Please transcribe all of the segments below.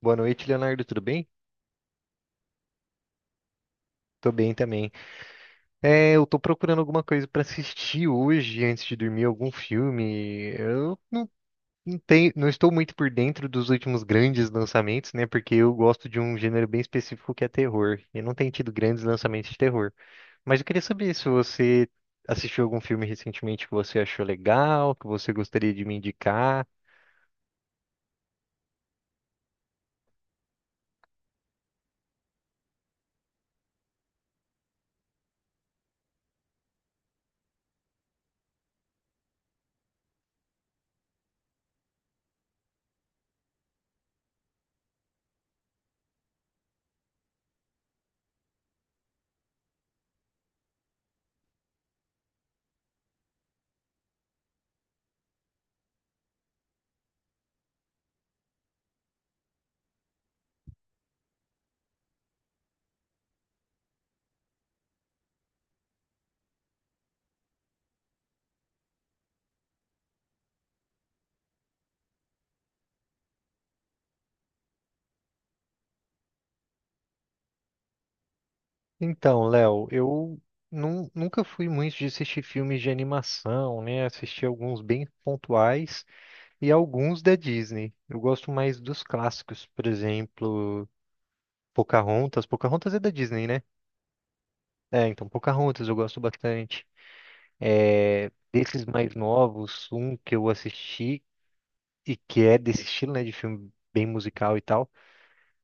Boa noite, Leonardo. Tudo bem? Tô bem também. Eu tô procurando alguma coisa pra assistir hoje antes de dormir, algum filme. Eu não, não tenho, não estou muito por dentro dos últimos grandes lançamentos, né? Porque eu gosto de um gênero bem específico que é terror. E não tem tido grandes lançamentos de terror. Mas eu queria saber se você assistiu algum filme recentemente que você achou legal, que você gostaria de me indicar. Então, Léo, eu nunca fui muito de assistir filmes de animação, né? Assisti alguns bem pontuais e alguns da Disney. Eu gosto mais dos clássicos, por exemplo, Pocahontas. Pocahontas é da Disney, né? É, então, Pocahontas eu gosto bastante. É, desses mais novos, um que eu assisti e que é desse estilo, né, de filme bem musical e tal,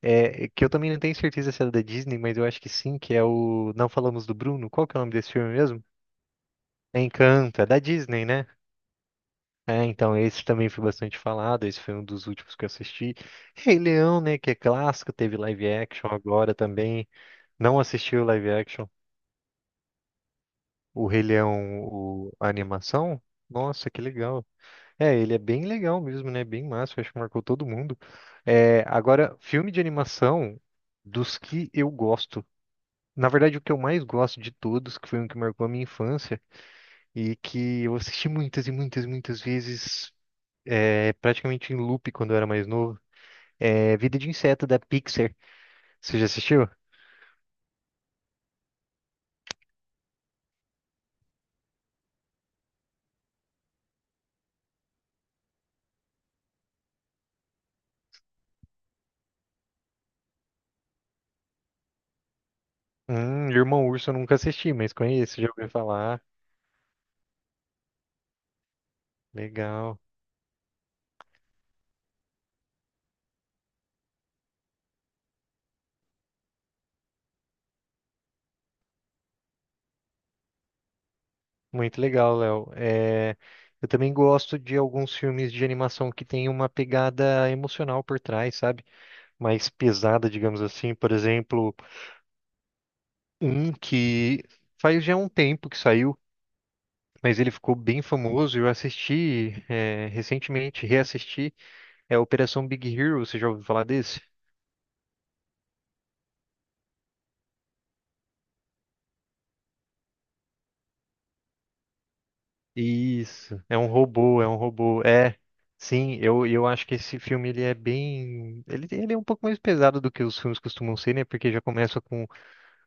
é que eu também não tenho certeza se é da Disney, mas eu acho que sim, que é o Não Falamos do Bruno. Qual que é o nome desse filme mesmo? Encanto, é da Disney, né? É, então esse também foi bastante falado, esse foi um dos últimos que eu assisti. Rei Leão, né, que é clássico, teve live action agora também. Não assisti o live action, o Rei Leão, a animação. Nossa, que legal. É, ele é bem legal mesmo, né? Bem massa, acho que marcou todo mundo. É, agora, filme de animação dos que eu gosto. Na verdade, o que eu mais gosto de todos, que foi um que marcou a minha infância e que eu assisti muitas e muitas e muitas vezes é, praticamente em loop quando eu era mais novo. É Vida de Inseto da Pixar. Você já assistiu? Irmão Urso eu nunca assisti, mas conheço, já ouvi falar. Legal. Muito legal, Léo. É, eu também gosto de alguns filmes de animação que tem uma pegada emocional por trás, sabe? Mais pesada, digamos assim. Por exemplo, um que faz já um tempo que saiu, mas ele ficou bem famoso. Eu assisti, é, recentemente, reassisti, é Operação Big Hero. Você já ouviu falar desse? Isso, é um robô, é um robô. É, sim, eu acho que esse filme ele é bem. Ele é um pouco mais pesado do que os filmes costumam ser, né? Porque já começa com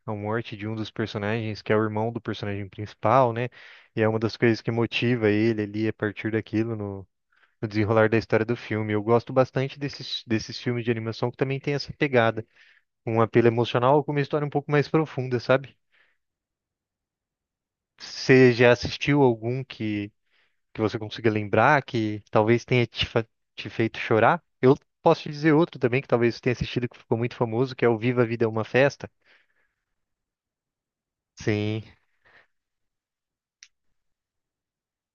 a morte de um dos personagens, que é o irmão do personagem principal, né? E é uma das coisas que motiva ele ali a partir daquilo no desenrolar da história do filme. Eu gosto bastante desses filmes de animação que também tem essa pegada, um apelo emocional com uma história um pouco mais profunda, sabe? Você já assistiu algum que você consiga lembrar, que talvez tenha te, te feito chorar. Eu posso te dizer outro também que talvez você tenha assistido que ficou muito famoso, que é o Viva a Vida é uma Festa. Sim.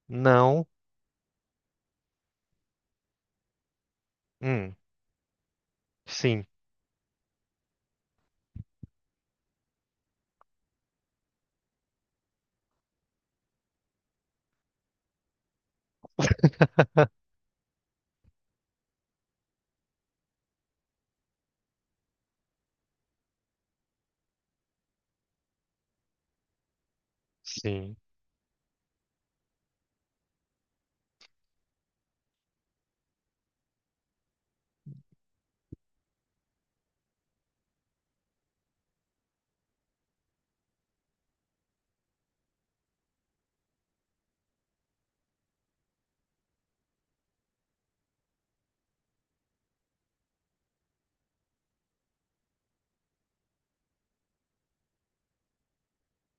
Não. Hum. Sim. Sim.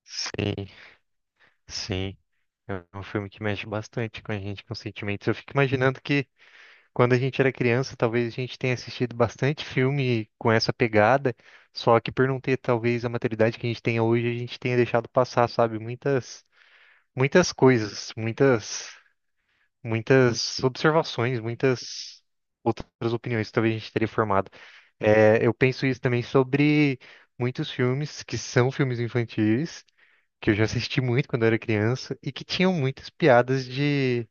Sim. Sim. É um filme que mexe bastante com a gente, com sentimentos. Eu fico imaginando que quando a gente era criança, talvez a gente tenha assistido bastante filme com essa pegada, só que por não ter talvez a maturidade que a gente tenha hoje, a gente tenha deixado passar, sabe? Muitas coisas, muitas, muitas observações, muitas outras opiniões que talvez a gente teria formado. É, eu penso isso também sobre muitos filmes que são filmes infantis, que eu já assisti muito quando eu era criança, e que tinham muitas piadas de...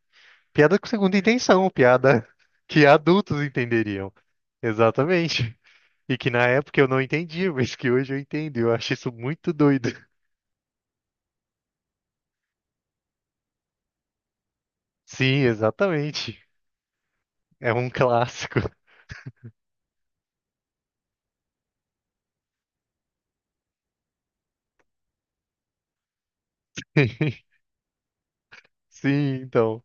Piada com segunda intenção, piada que adultos entenderiam. Exatamente. E que na época eu não entendia, mas que hoje eu entendo. Eu acho isso muito doido. Sim, exatamente. É um clássico. Sim, então,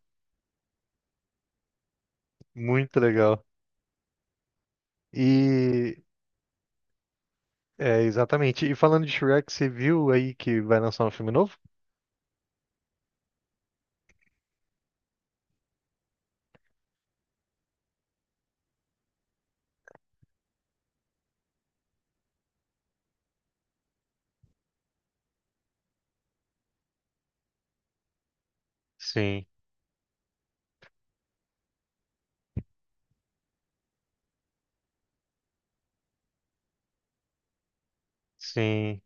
muito legal. E é exatamente. E falando de Shrek, você viu aí que vai lançar um filme novo? Sim, sim.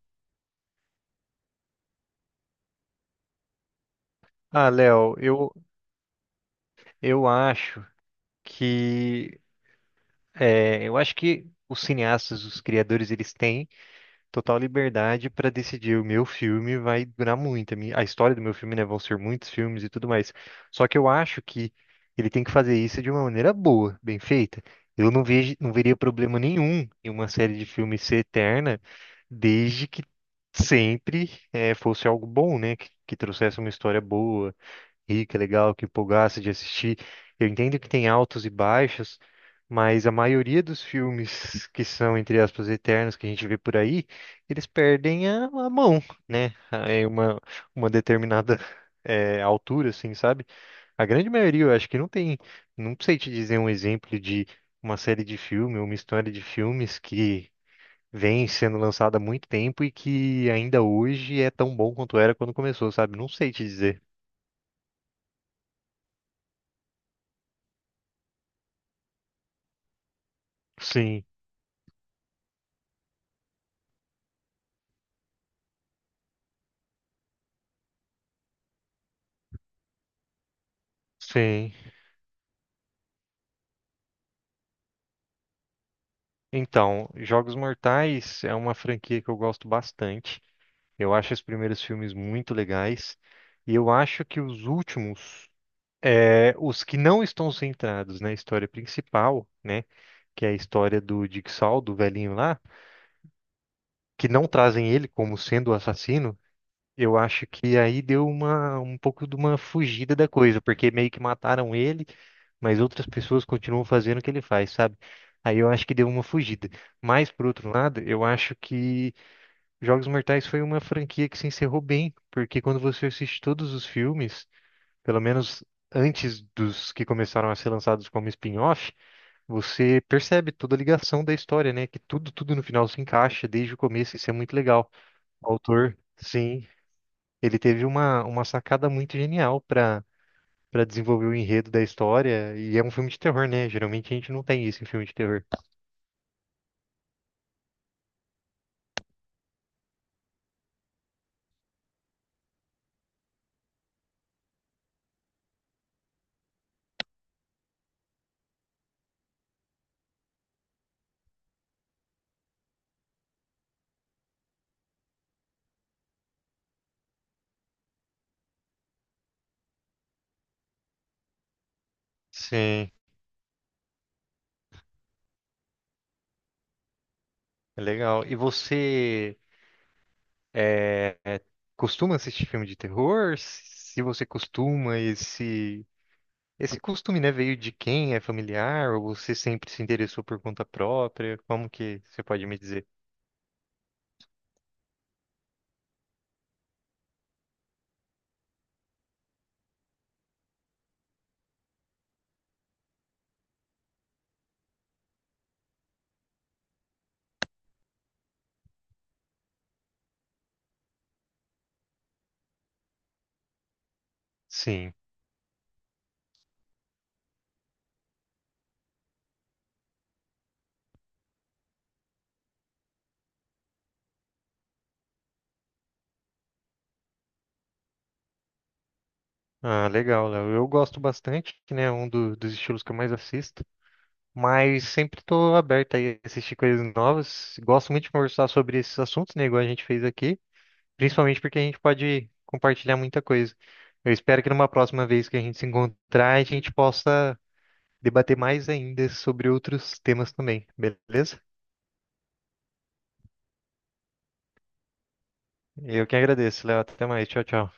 Ah, Léo, eu acho que é, eu acho que os cineastas, os criadores, eles têm total liberdade para decidir o meu filme vai durar muito. A minha- a história do meu filme, né? Vão ser muitos filmes e tudo mais. Só que eu acho que ele tem que fazer isso de uma maneira boa, bem feita. Eu não vejo, não veria problema nenhum em uma série de filmes ser eterna, desde que sempre fosse algo bom, né? Que trouxesse uma história boa Rica, legal, que empolgasse de assistir. Eu entendo que tem altos e baixos, mas a maioria dos filmes que são, entre aspas, eternos que a gente vê por aí, eles perdem a mão, né? É uma determinada altura, assim, sabe? A grande maioria, eu acho que não tem. Não sei te dizer um exemplo de uma série de filme, uma história de filmes que vem sendo lançada há muito tempo e que ainda hoje é tão bom quanto era quando começou, sabe? Não sei te dizer. Sim. Sim. Então, Jogos Mortais é uma franquia que eu gosto bastante. Eu acho os primeiros filmes muito legais. E eu acho que os últimos, é, os que não estão centrados na história principal, né? Que é a história do Jigsaw, do velhinho lá, que não trazem ele como sendo o assassino. Eu acho que aí deu uma, um pouco de uma fugida da coisa, porque meio que mataram ele, mas outras pessoas continuam fazendo o que ele faz, sabe? Aí eu acho que deu uma fugida. Mas, por outro lado, eu acho que Jogos Mortais foi uma franquia que se encerrou bem, porque quando você assiste todos os filmes, pelo menos antes dos que começaram a ser lançados como spin-off, você percebe toda a ligação da história, né? Que tudo, tudo no final se encaixa desde o começo, isso é muito legal. O autor, sim ele teve uma sacada muito genial para para desenvolver o enredo da história. E é um filme de terror, né? Geralmente a gente não tem isso em filme de terror. Sim, é legal. E você é, é, costuma assistir filme de terror? Se você costuma, esse costume, né, veio de quem? É familiar? Ou você sempre se interessou por conta própria? Como que você pode me dizer? Sim. Ah, legal, Léo. Eu gosto bastante, né? Um dos estilos que eu mais assisto. Mas sempre tô aberto aí a assistir coisas novas. Gosto muito de conversar sobre esses assuntos, né, igual a gente fez aqui, principalmente porque a gente pode compartilhar muita coisa. Eu espero que numa próxima vez que a gente se encontrar, a gente possa debater mais ainda sobre outros temas também, beleza? Eu que agradeço, Léo. Até mais. Tchau, tchau.